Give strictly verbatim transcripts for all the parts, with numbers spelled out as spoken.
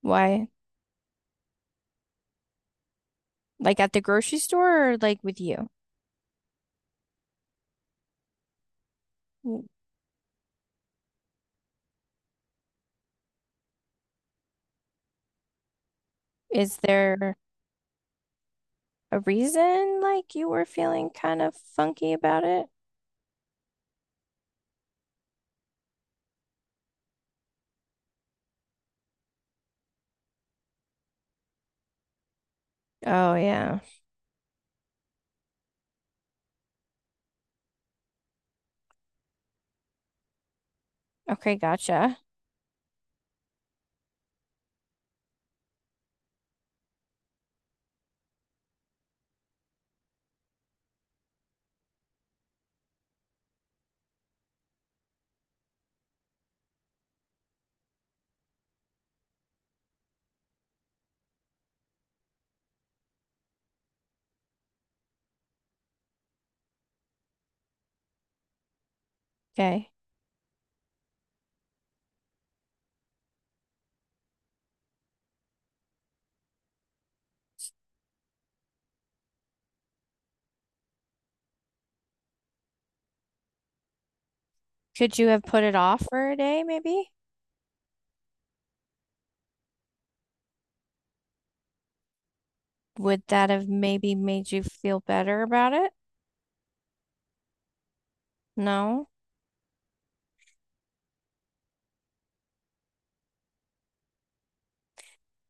Why? Like at the grocery store or like with you? W- Is there a reason like you were feeling kind of funky about it? Oh, yeah. Okay, gotcha. Okay. Could you have put it off for a day, maybe? Would that have maybe made you feel better about it? No.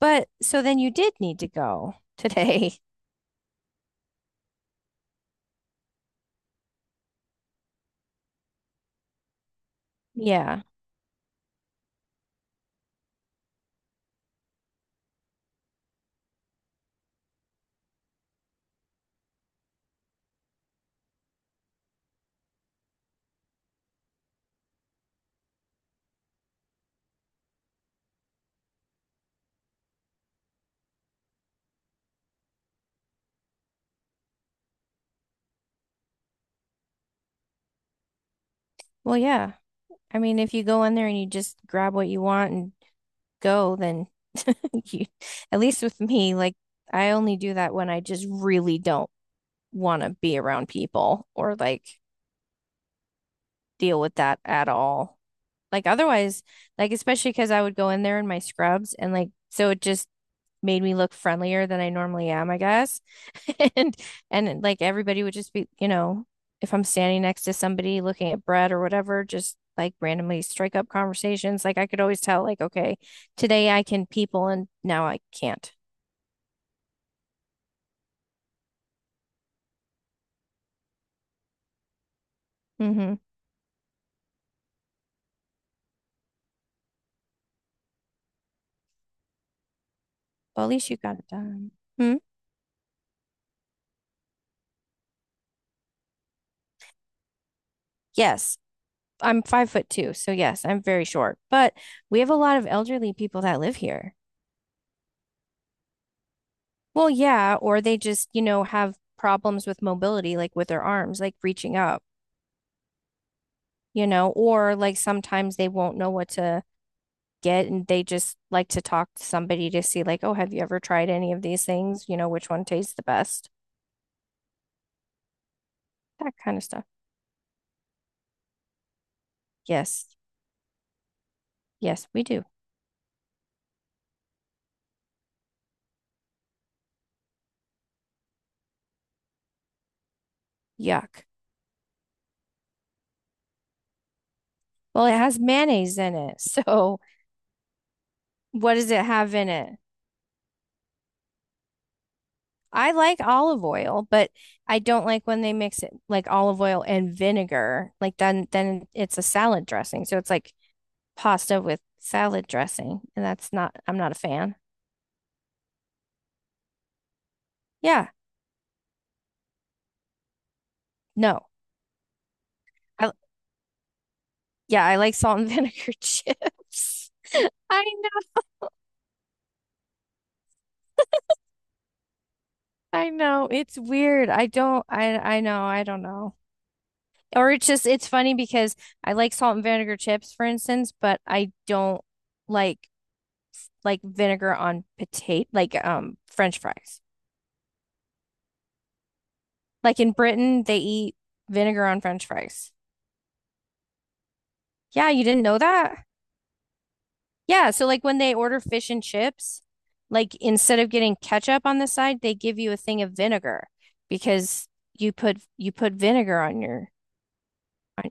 But so then you did need to go today. Yeah. Well, yeah. I mean, if you go in there and you just grab what you want and go, then you, at least with me, like I only do that when I just really don't want to be around people or like deal with that at all. Like otherwise, like especially because I would go in there in my scrubs and like so it just made me look friendlier than I normally am, I guess. And and like everybody would just be, you know, if I'm standing next to somebody looking at bread or whatever, just like randomly strike up conversations. Like I could always tell, like, okay, today I can people and now I can't. Mm-hmm. Well, at least you got it done. Hmm? Yes. I'm five foot two, so yes, I'm very short. But we have a lot of elderly people that live here. Well, yeah, or they just, you know, have problems with mobility, like with their arms, like reaching up. You know, or like sometimes they won't know what to get and they just like to talk to somebody to see, like, oh, have you ever tried any of these things? You know, which one tastes the best? That kind of stuff. Yes. Yes, we do. Yuck. Well, it has mayonnaise in it. So what does it have in it? I like olive oil, but I don't like when they mix it like olive oil and vinegar. Like then then it's a salad dressing. So it's like pasta with salad dressing, and that's not I'm not a fan. Yeah. No. I Yeah, I like salt and vinegar chips. I know, I know. It's weird. I don't, I, I know, I don't know. Or it's just, it's funny because I like salt and vinegar chips, for instance, but I don't like like vinegar on potato, like um French fries. Like in Britain, they eat vinegar on French fries. Yeah, you didn't know that? Yeah, so like when they order fish and chips, like instead of getting ketchup on the side, they give you a thing of vinegar because you put you put vinegar on your on,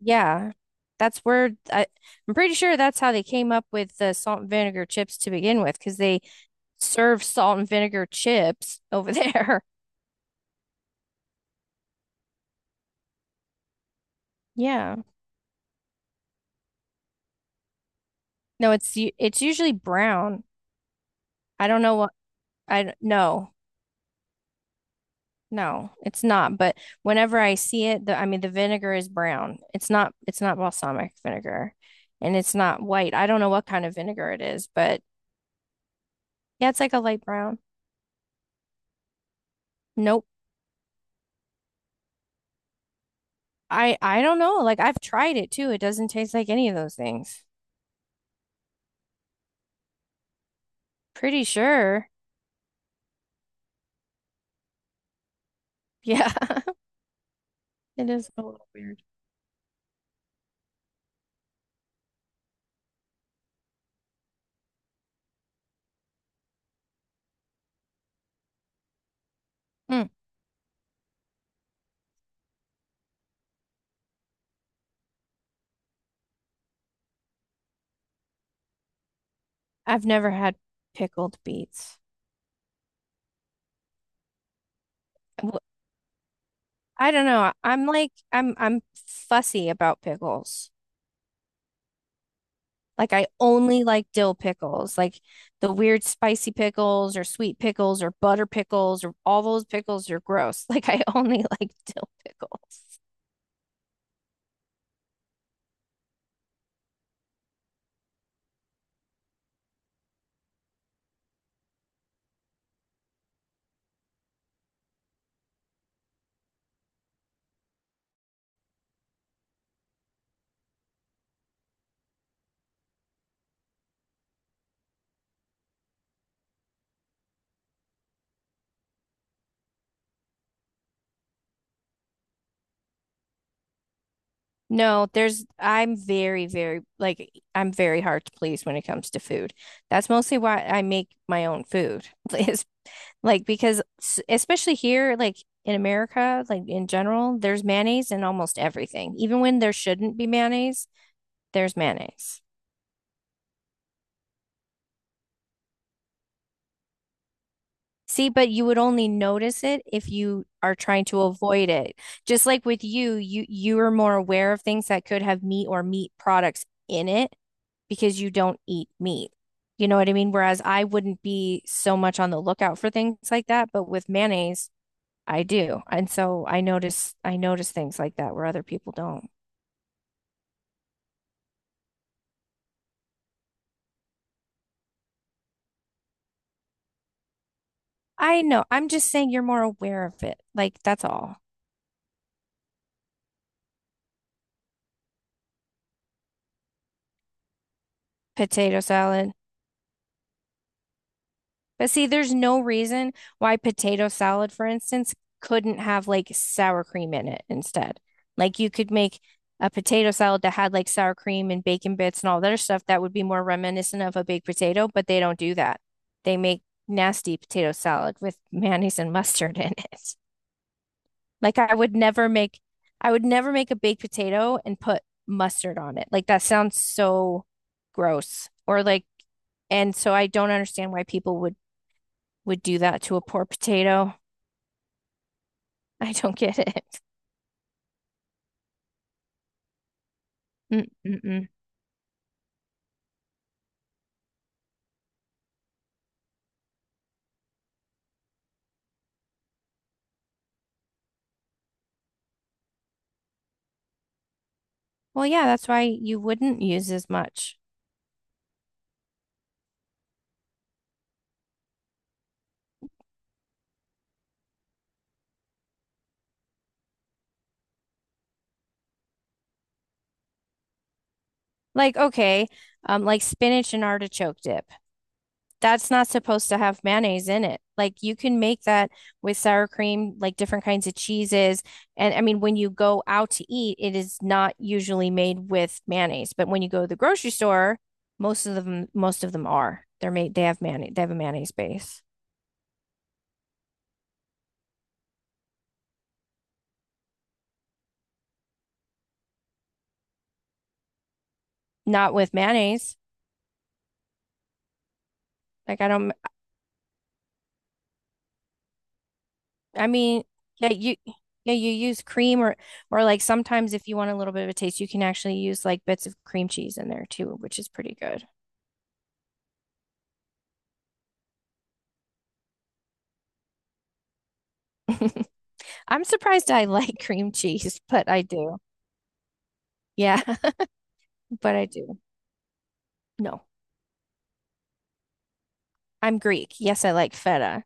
yeah. That's where I, I'm pretty sure that's how they came up with the salt and vinegar chips to begin with because they serve salt and vinegar chips over there. Yeah. No, it's u- it's usually brown. I don't know what I don't know. No, it's not. But whenever I see it, the I mean the vinegar is brown. It's not it's not balsamic vinegar and it's not white. I don't know what kind of vinegar it is, but yeah, it's like a light brown. Nope. I I don't know. Like I've tried it too. It doesn't taste like any of those things. Pretty sure. Yeah, it is. a- Mm. I've never had pickled beets. W- I don't know. I'm like I'm I'm fussy about pickles. Like I only like dill pickles, like the weird spicy pickles or sweet pickles or butter pickles or all those pickles are gross. Like I only like dill pickles. No, there's I'm very, very like I'm very hard to please when it comes to food. That's mostly why I make my own food. Is like because s- especially here, like in America, like in general, there's mayonnaise in almost everything. Even when there shouldn't be mayonnaise, there's mayonnaise. See, but you would only notice it if you are trying to avoid it. Just like with you, you you are more aware of things that could have meat or meat products in it because you don't eat meat. You know what I mean? Whereas I wouldn't be so much on the lookout for things like that, but with mayonnaise, I do. And so I notice I notice things like that where other people don't. I know. I'm just saying you're more aware of it. Like that's all. Potato salad. But see, there's no reason why potato salad, for instance, couldn't have like sour cream in it instead. Like you could make a potato salad that had like sour cream and bacon bits and all that other stuff that would be more reminiscent of a baked potato, but they don't do that. They make nasty potato salad with mayonnaise and mustard in it. Like I would never make I would never make a baked potato and put mustard on it. Like that sounds so gross. Or like and so I don't understand why people would would do that to a poor potato. I don't get it. Mm-mm-mm. Well, yeah, that's why you wouldn't use as much. Like, okay, um, like spinach and artichoke dip. That's not supposed to have mayonnaise in it. Like, you can make that with sour cream, like different kinds of cheeses. And I mean, when you go out to eat, it is not usually made with mayonnaise. But when you go to the grocery store, most of them, most of them are. They're made, they have mayonnaise, they have a mayonnaise base. Not with mayonnaise. Like, I don't, I mean, yeah, you yeah, you use cream or or like sometimes if you want a little bit of a taste, you can actually use like bits of cream cheese in there too, which is pretty good. I'm surprised I like cream cheese, but I do. Yeah, but I do. No, I'm Greek. Yes, I like feta.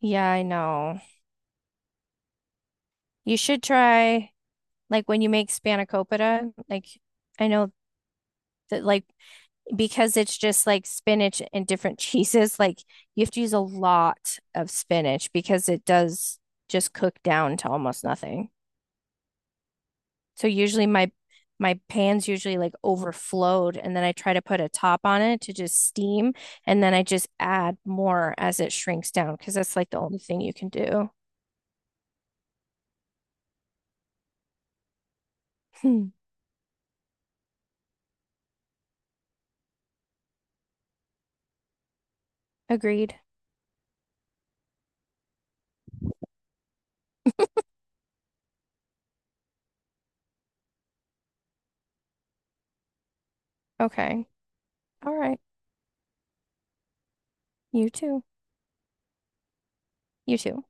Yeah, I know. You should try like when you make spanakopita, like I know that like because it's just like spinach and different cheeses, like you have to use a lot of spinach because it does just cook down to almost nothing. So usually my my pans usually like overflowed and then I try to put a top on it to just steam and then I just add more as it shrinks down because that's like the only thing you can do. Hmm. Agreed. Okay. All right. You too. You too.